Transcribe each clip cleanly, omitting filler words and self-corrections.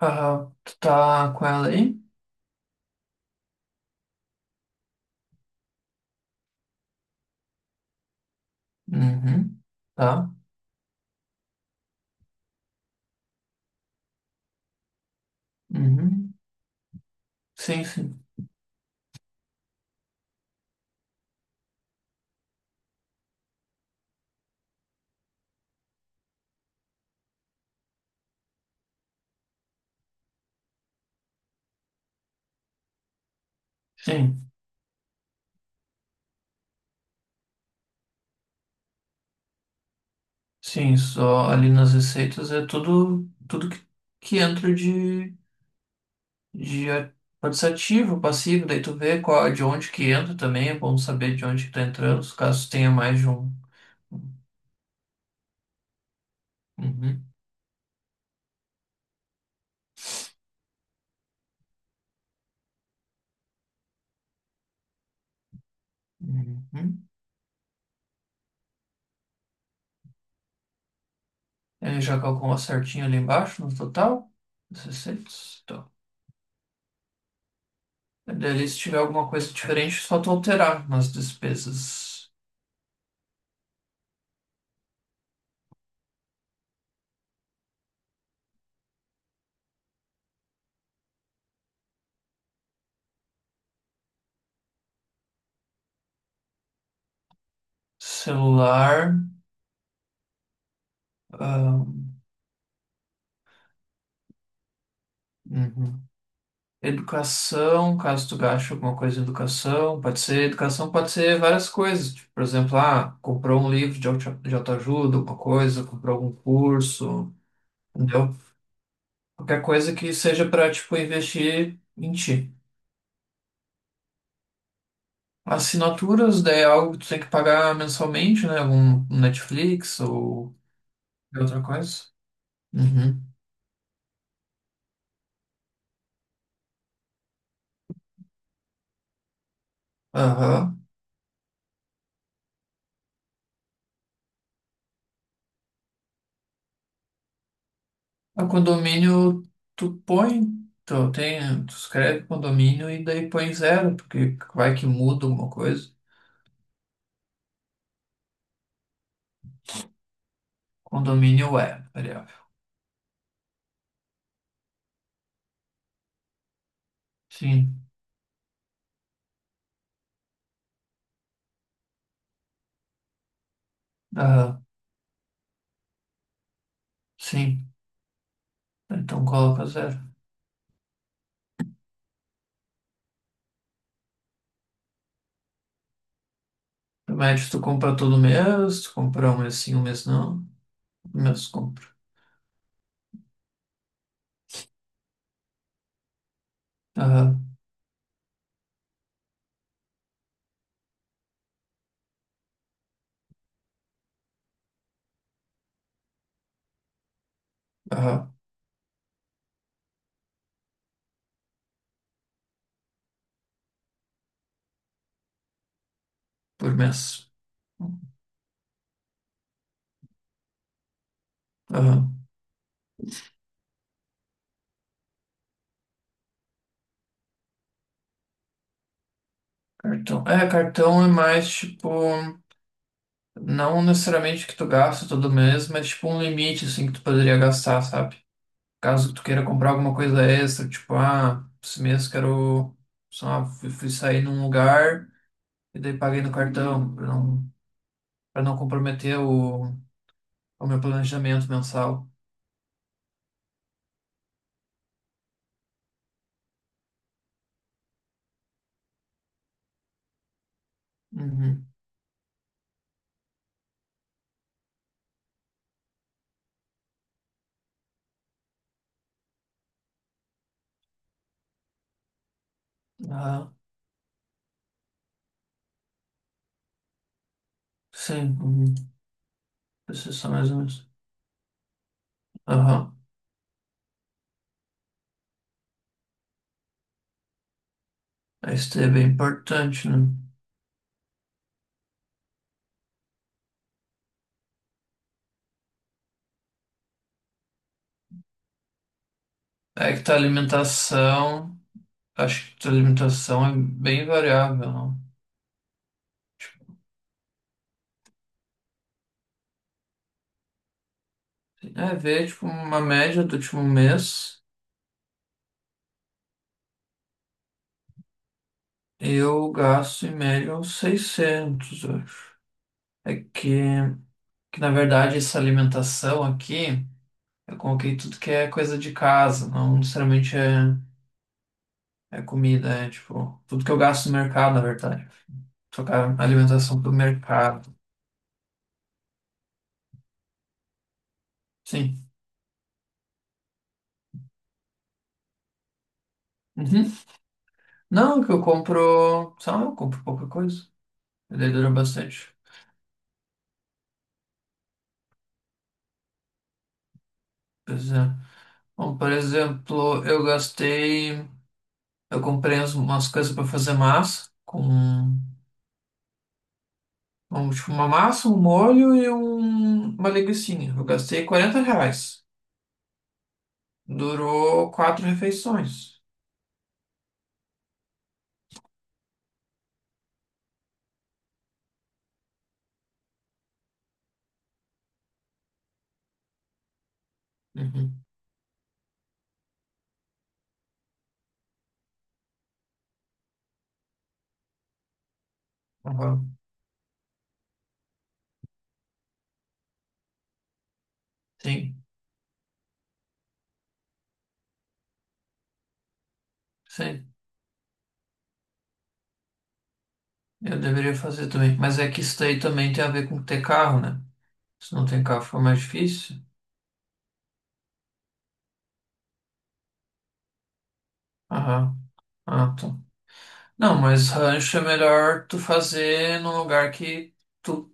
Tu tá com ela aí? Uhum. Tá. Uhum. Sim, sim. Sim. Sim, só ali nas receitas é tudo que entra de pode ser ativo, passivo, daí tu vê qual, de onde que entra também, é bom saber de onde que tá entrando, caso tenha mais de um. Uhum. Uhum. Ele já calculou certinho ali embaixo no total? As receitas? Tá. Daí ali, se tiver alguma coisa diferente, é só tu alterar nas despesas. Celular. Ah, uhum. Educação, caso tu gaste alguma coisa em educação pode ser várias coisas, tipo, por exemplo, comprou um livro de autoajuda, alguma coisa, comprou algum curso, entendeu? Qualquer coisa que seja para, tipo, investir em ti. Assinaturas, daí é algo que tu tem que pagar mensalmente, né? Algum Netflix ou outra coisa. Uhum. Aham. É o condomínio, tu põe, tu, tem, tu escreve condomínio e daí põe zero, porque vai que muda alguma coisa. Condomínio é variável. Sim, aham, sim. Então coloca zero. No médio, tu compra todo mês, tu compra um mês sim, um mês não. Um mês compra. Aham, aham, por mês. Aham, cartão. É, cartão é mais tipo, não necessariamente que tu gasta todo mês, mas tipo um limite assim que tu poderia gastar, sabe? Caso tu queira comprar alguma coisa extra, tipo, esse mês quero, sei lá, fui sair num lugar e daí paguei no cartão, para não comprometer o meu planejamento mensal. Uhum. Ah, sim, uhum. Precisa mais ou menos. Aham. Isso é bem importante, né? É que tua alimentação, acho que tua alimentação é bem variável, não? Tipo, é ver, tipo, uma média do último mês. Eu gasto em média uns 600 eu acho. É que, na verdade, essa alimentação aqui, eu coloquei tudo que é coisa de casa, não necessariamente é, comida, é tipo, tudo que eu gasto no mercado, na verdade. Trocar alimentação pelo mercado. Sim. Uhum. Não, que eu compro, sei lá, eu compro pouca coisa. E daí dura bastante. Pois é. Bom, por exemplo, eu comprei umas coisas para fazer massa com Um, tipo, uma massa, um molho e uma linguicinha. Eu gastei R$ 40. Durou quatro refeições. Uhum. Aham. Sim, sim. Eu deveria fazer também. Mas é que isso daí também tem a ver com ter carro, né? Se não tem carro, fica mais difícil. Aham. Ah, tá. Não, mas rancho é melhor tu fazer num lugar que tu,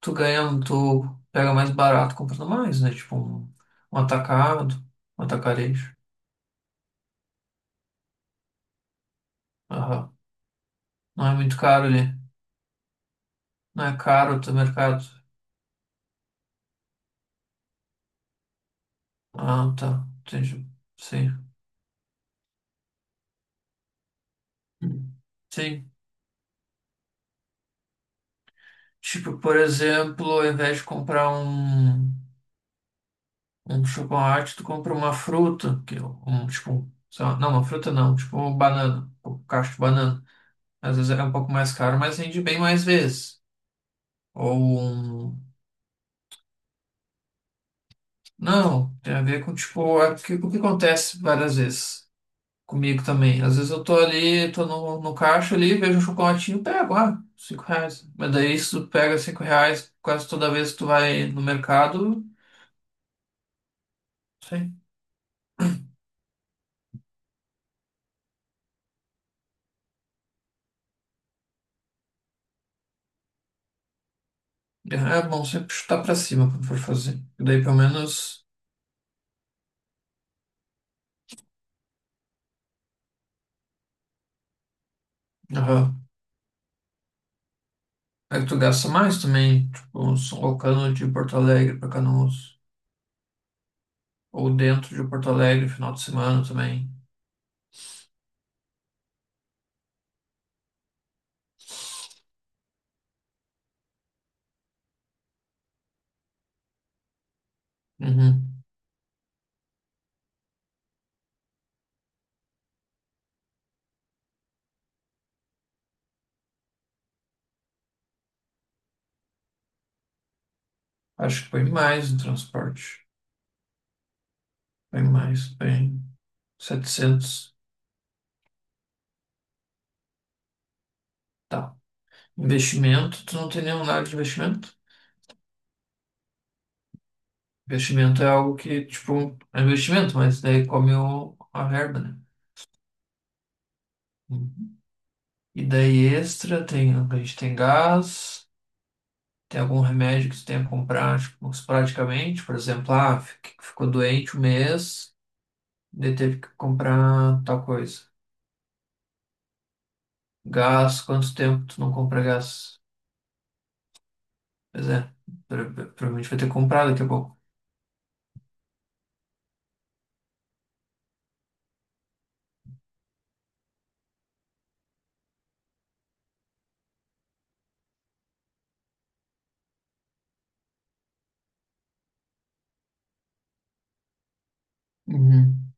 tu ganha, tu pega mais barato comprando mais, né? Tipo, um atacado, um atacarejo. Aham. Não é muito caro ali. Não é caro o teu mercado? Ah, tá. Entendi. Sim. Sim. Tipo, por exemplo, ao invés de comprar um chocolate, tu compra uma fruta, que é um, tipo, sei lá, não, uma fruta não, tipo uma banana, um cacho de banana. Às vezes é um pouco mais caro, mas rende bem mais vezes. Ou um... Não, tem a ver com, tipo, é o que acontece várias vezes. Comigo também. Às vezes eu tô ali, tô no caixa ali, vejo um chocolatinho, pego, ah, R$ 5. Mas daí se tu pega R$ 5 quase toda vez que tu vai no mercado, sei. É bom sempre chutar pra cima quando for fazer. Daí pelo menos, aham. Aí tu gasta mais também, tipo, uns locando de Porto Alegre pra Canoas. Ou dentro de Porto Alegre, final de semana também. Uhum. Acho que foi mais no transporte. Foi mais, bem 700. Investimento, tu não tem nenhum lado de investimento? Investimento é algo que, tipo, é investimento, mas daí come a verba, né? Uhum. E daí extra, a gente tem gás, tem algum remédio que tu tenha que comprar, tipo, esporadicamente, por exemplo, ficou doente um mês, daí teve que comprar tal coisa. Gás, quanto tempo tu não compra gás? Pois é, provavelmente vai ter que comprar daqui a pouco. Uhum.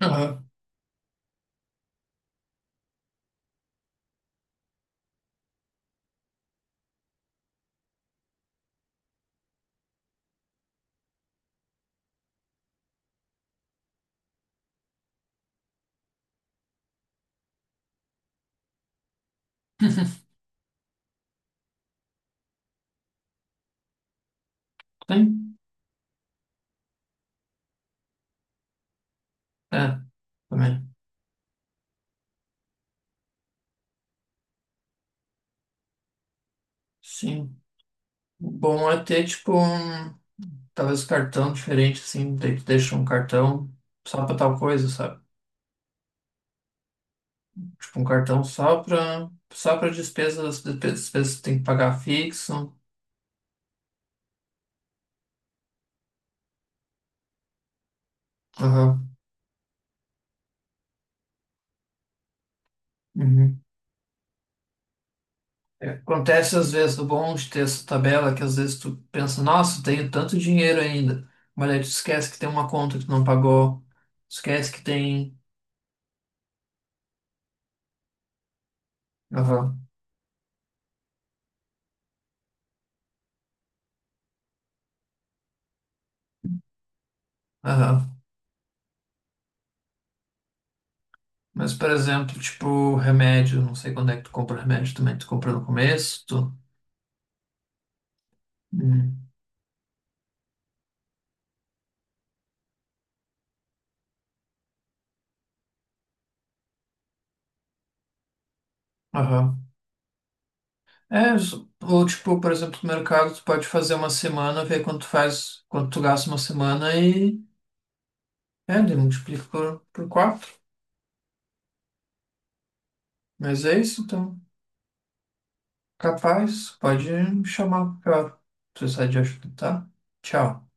Aham. Tem? É, também. Sim. Bom é ter, tipo, talvez um cartão diferente, assim, daí tu deixa um cartão só pra tal coisa, sabe? Tipo, um cartão só pra despesas que tem que pagar fixo. Aham. Uhum. É, acontece às vezes, o bom de ter essa tabela, é que às vezes tu pensa, nossa, eu tenho tanto dinheiro ainda, mas aí tu esquece que tem uma conta que tu não pagou, esquece que tem... Aham, aham. Mas, por exemplo, tipo, remédio, não sei quando é que tu compra remédio também, tu compra no começo, tu... Aham. É, ou tipo, por exemplo, no mercado, tu pode fazer uma semana, ver quanto tu faz, quanto tu gasta uma semana e é, daí multiplica por quatro. Mas é isso, então. Capaz, pode me chamar, claro. Se precisar de ajuda, tá? Tchau.